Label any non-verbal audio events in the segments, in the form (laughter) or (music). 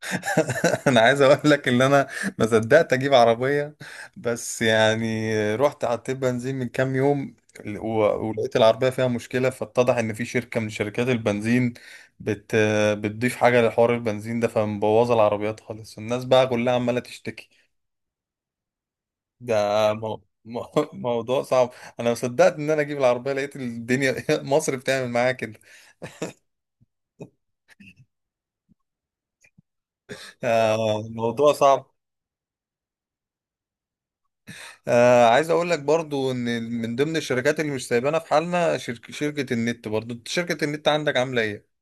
(laughs) انا عايز اقول لك ان انا ما صدقت اجيب عربيه. بس يعني رحت حطيت بنزين من كام يوم ولقيت العربيه فيها مشكله، فاتضح ان في شركه من شركات البنزين بت بتضيف حاجه لحوار البنزين ده، فمبوظه العربيات خالص. الناس بقى كلها عماله تشتكي. ده (laughs) موضوع صعب. انا ما صدقت ان انا اجيب العربيه، لقيت الدنيا (laughs) مصر بتعمل معايا كده. آه، موضوع صعب. آه، عايز اقول لك برضو ان من ضمن الشركات اللي مش سايبانا في حالنا شركة النت. برضو انت شركة النت عندك عاملة ايه؟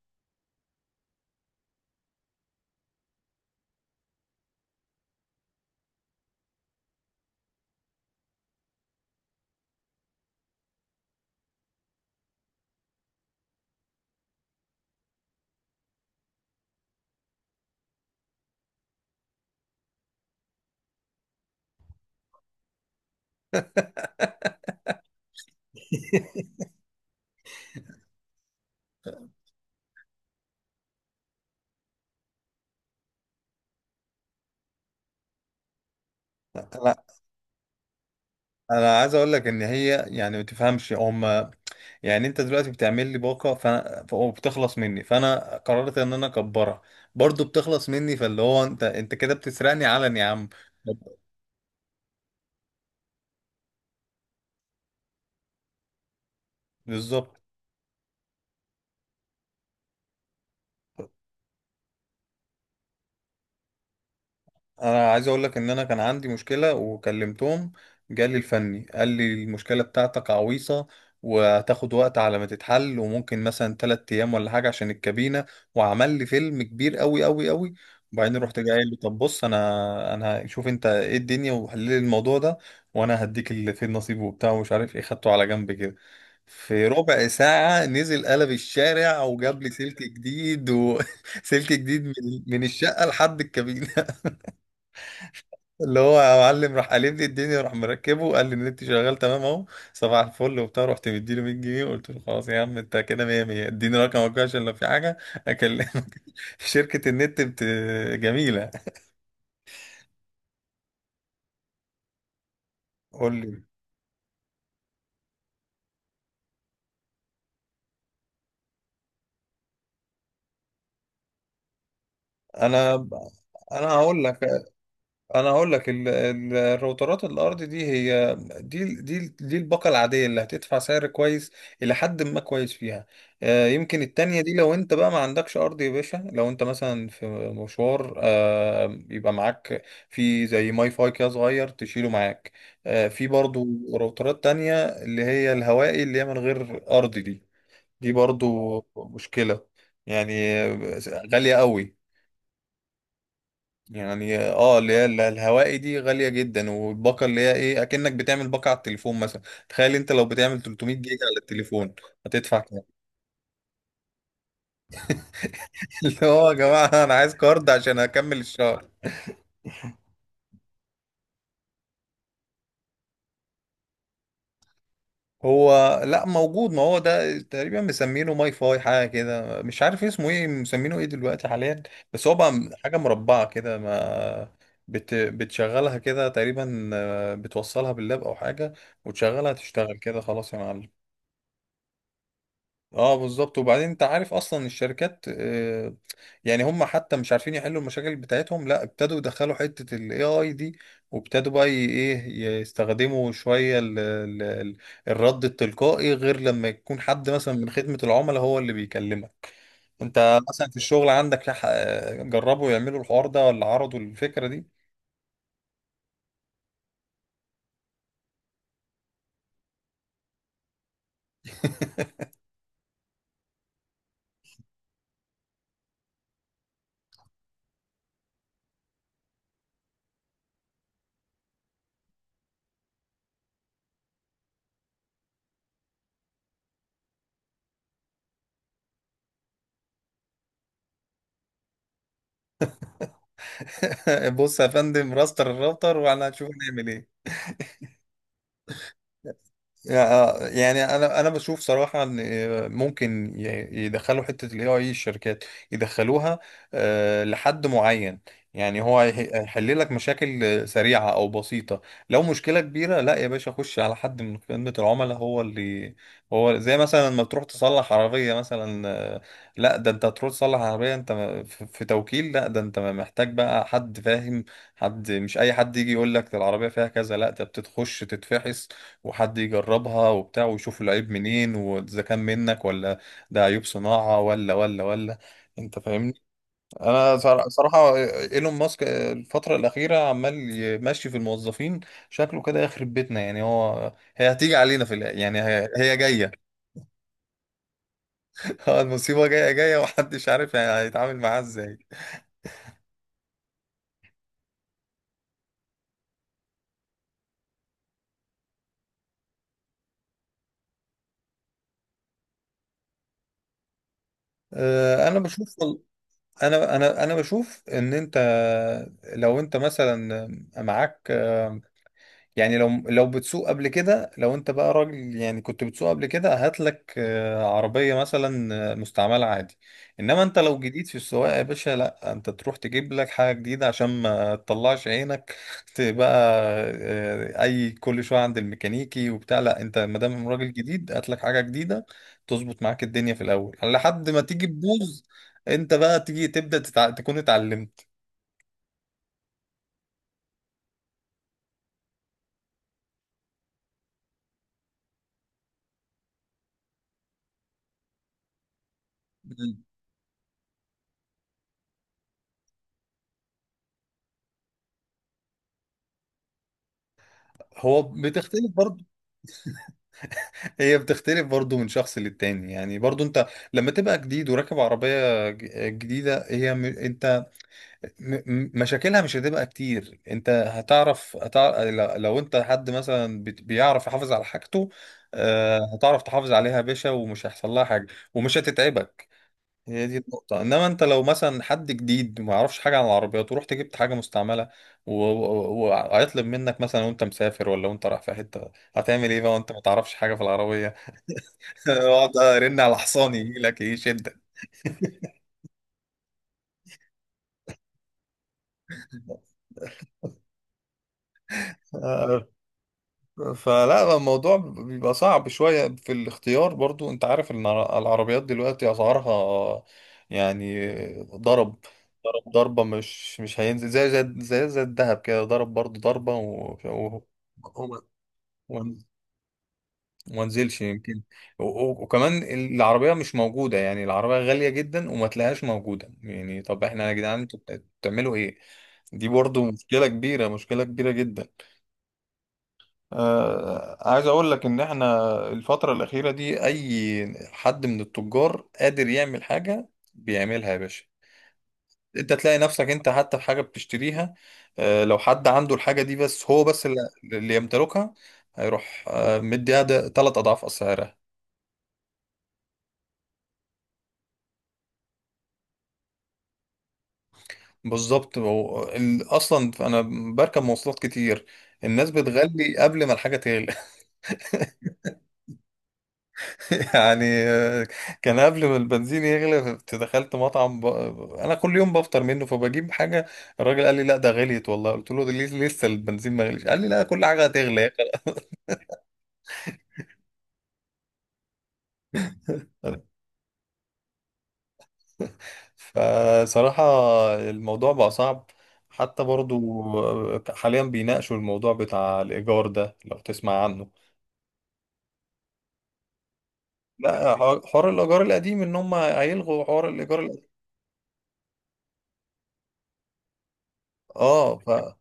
لا، انا عايز اقول لك ان هي يعني ما تفهمش هم. يعني انت دلوقتي بتعمل لي باقة فانا وبتخلص مني، فانا قررت ان انا اكبرها، برضو بتخلص مني. فاللي هو انت كده بتسرقني علن يا عم. بالظبط. انا عايز اقول لك ان انا كان عندي مشكله وكلمتهم، جالي الفني قال لي المشكله بتاعتك عويصه وهتاخد وقت على ما تتحل، وممكن مثلا 3 ايام ولا حاجه عشان الكابينه. وعمل لي فيلم كبير قوي قوي قوي. وبعدين رحت جاي قايل له طب بص، انا شوف انت ايه الدنيا وحل لي الموضوع ده، وانا هديك اللي فيه النصيب وبتاع ومش عارف ايه، خدته على جنب كده. في ربع ساعه نزل قلب الشارع وجاب لي سلك جديد، وسلك (laughs) جديد، من الشقه لحد الكابينه. اللي هو يا معلم راح قالب لي الدنيا، راح مركبه، قال لي النت شغال تمام اهو، صباح الفل وبتاع. رحت مديله 100 جنيه، قلت له خلاص يا عم انت كده، 100 100 اديني رقمك بقى عشان لو في حاجه اكلمك. (laughs) شركه النت جميله. قول لي. انا انا هقول لك انا هقول لك، الراوترات الارضي دي هي دي الباقه العاديه اللي هتدفع سعر كويس، الى حد ما كويس فيها. آه، يمكن التانية دي لو انت بقى ما عندكش ارض يا باشا، لو انت مثلا في مشوار، آه، يبقى معاك في زي ماي فاي كده صغير تشيله معاك. آه، في برضو راوترات تانية اللي هي الهوائي، اللي هي من غير ارض دي. دي برضو مشكلة. يعني آه، غالية قوي. يعني اه اللي هي الهوائي دي غالية جدا، والباقة اللي هي ايه، اكنك بتعمل باقة على التليفون مثلا. تخيل انت لو بتعمل 300 جيجا على التليفون هتدفع كام؟ (laughs) اللي هو يا جماعة انا عايز كارد عشان اكمل الشهر. هو لا موجود، ما هو ده تقريبا مسمينه ماي فاي، حاجة كده مش عارف اسمه ايه، مسمينه ايه دلوقتي حاليا. بس هو بقى حاجة مربعة كده، ما بتشغلها كده تقريبا، آه، بتوصلها باللاب او حاجة وتشغلها تشتغل كده، خلاص يا معلم. اه بالظبط. وبعدين انت عارف اصلا الشركات آه، يعني هم حتى مش عارفين يحلوا المشاكل بتاعتهم، لا ابتدوا يدخلوا حتة الاي اي دي، وابتدوا بقى ايه يستخدموا شوية ال الرد التلقائي، غير لما يكون حد مثلا من خدمة العملاء هو اللي بيكلمك. انت مثلا في الشغل عندك جربوا يعملوا الحوار ده ولا عرضوا الفكرة دي؟ (laughs) بص يا فندم، الراوتر واحنا هنشوف هنعمل ايه. آه، يعني انا بشوف صراحه ان آه، ممكن يدخلوا حته الاي اي الشركات، يدخلوها آه، لحد معين. يعني هو هيحل لك مشاكل آه، سريعه او بسيطه. لو مشكله كبيره لا يا باشا، خش على حد من خدمه العملاء هو اللي، هو زي مثلا لما تروح تصلح عربيه مثلا، آه، لا ده انت تروح تصلح عربيه، انت في توكيل، لا ده انت محتاج بقى حد فاهم. حد مش اي حد يجي يقول لك ده العربيه فيها كذا، لا ده بتتخش تتفحص وحد يجربها وبتاع، ويشوف العيب منين واذا كان منك ولا ده عيوب صناعة ولا. انت فاهمني. انا صراحة ايلون ماسك الفترة الأخيرة عمال يمشي في الموظفين، شكله كده يخرب بيتنا. يعني هي هتيجي علينا، يعني هي جاية. (laughs) آه، المصيبة جاية جاية، ومحدش عارف يعني هيتعامل معاها ازاي. آه، انا بشوف انا بشوف ان انت، لو انت مثلا معاك، يعني لو بتسوق قبل كده، لو انت بقى راجل يعني كنت بتسوق قبل كده، هات لك آه، عربية مثلا آه، مستعملة عادي. انما انت لو جديد في السواقة يا باشا، لا انت تروح تجيب لك حاجة جديدة عشان ما تطلعش عينك (laughs) تبقى آه، اي كل شوية عند الميكانيكي وبتاع. لا انت ما دام راجل جديد هات لك حاجة جديدة، تظبط معاك الدنيا في الاول لحد ما تيجي تبوظ، انت بقى تيجي تبدأ تكون اتعلمت. هو بتختلف برضه، هي بتختلف برضو من شخص للتاني. يعني برضو انت لما تبقى جديد وراكب عربية جديدة، هي انت مشاكلها مش هتبقى كتير. انت هتعرف. لو انت حد مثلا بيعرف يحافظ على حاجته، آه، هتعرف تحافظ عليها يا باشا، ومش هيحصل لها حاجة ومش هتتعبك. هي دي النقطة. انما انت لو مثلا حد جديد ما يعرفش حاجة عن العربيات ورحت جبت حاجة مستعملة، وهيطلب منك مثلا وانت مسافر، ولا وانت رايح في حتة، هتعمل ايه بقى وانت ما تعرفش حاجة في العربية؟ (laughs) اقعد ارن على حصاني يجي لك يشدك. (laughs) فلا الموضوع بيبقى صعب شوية في الاختيار. برضو انت عارف ان العربيات دلوقتي اسعارها يعني ضرب ضربة، مش هينزل زي الذهب كده، ضرب برضو ضربة هو، وما انزلش يمكن، وكمان العربية مش موجودة، يعني العربية غالية جدا وما تلاقيهاش موجودة. يعني طب احنا يا جدعان انتوا بتعملوا ايه؟ دي برضو مشكلة كبيرة، مشكلة كبيرة جدا. آه، عايز اقول لك ان احنا الفترة الأخيرة دي اي حد من التجار قادر يعمل حاجة بيعملها يا باشا. انت تلاقي نفسك انت حتى في حاجة بتشتريها، آه، لو حد عنده الحاجة دي بس، هو بس اللي يمتلكها هيروح آه، مديها ده 3 اضعاف اسعارها. بالظبط. هو اصلا انا بركب مواصلات كتير، الناس بتغلي قبل ما الحاجة تغلي. (laughs) يعني آه، كان قبل ما البنزين يغلى كنت دخلت مطعم انا كل يوم بفطر منه فبجيب حاجه. الراجل قال لي لا ده غليت والله، قلت له ده ليه لسه البنزين ما غليش، قال لي لا كل حاجه هتغلى. (laughs) فصراحه الموضوع بقى صعب. حتى برضو آه، حاليا بيناقشوا الموضوع بتاع الايجار ده لو تسمع عنه. لا حوار الايجار القديم، ان هم هيلغوا حوار الايجار القديم. اه فده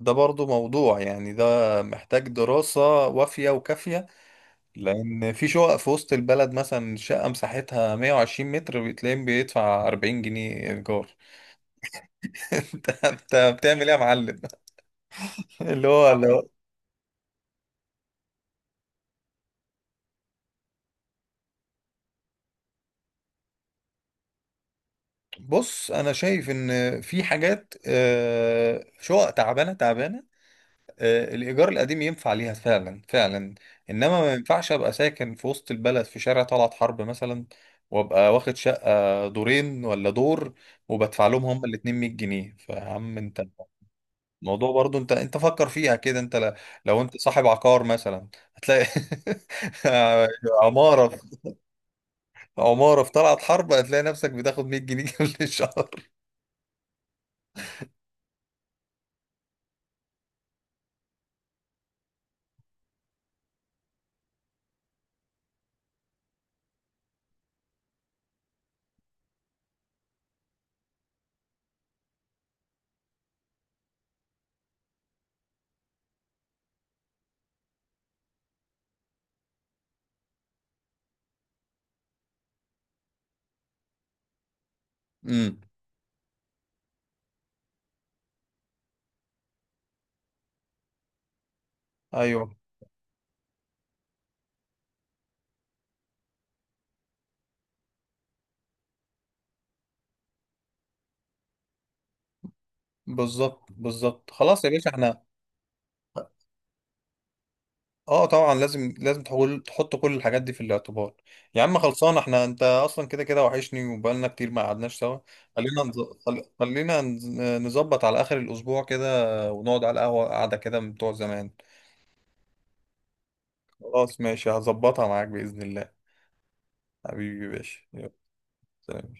برضو موضوع، يعني ده محتاج دراسه وافيه وكافيه، لان في شقق في وسط البلد مثلا، شقه مساحتها 120 متر بتلاقيه بيدفع 40 جنيه ايجار. (laughs) انت بتعمل ايه يا معلم؟ اللي هو، بص انا شايف ان في حاجات آه، شقق تعبانه تعبانه، آه، الايجار القديم ينفع ليها فعلا فعلا. انما ما ينفعش ابقى ساكن في وسط البلد في شارع طلعت حرب مثلا، وابقى واخد شقه دورين ولا دور وبدفع لهم هما الاتنين 100 جنيه، فعم انت الموضوع برضو، انت فكر فيها كده. انت لو انت صاحب عقار مثلا، هتلاقي (laughs) عمارة في عمارة في طلعت حرب هتلاقي نفسك بتاخد 100 جنيه (laughs) كل شهر. امم ايوه بالظبط بالظبط. خلاص يا باشا احنا، اه طبعا لازم لازم تحط كل الحاجات دي في الاعتبار. يا عم خلصان احنا، انت اصلا كده كده وحشني وبقالنا كتير ما قعدناش سوا. خلينا نز... خل- خلينا نز- نظبط على اخر الاسبوع كده ونقعد على القهوة قعدة كده من بتوع زمان. خلاص ماشي، هظبطها معاك بإذن الله. حبيبي يا باشا، يلا سلام.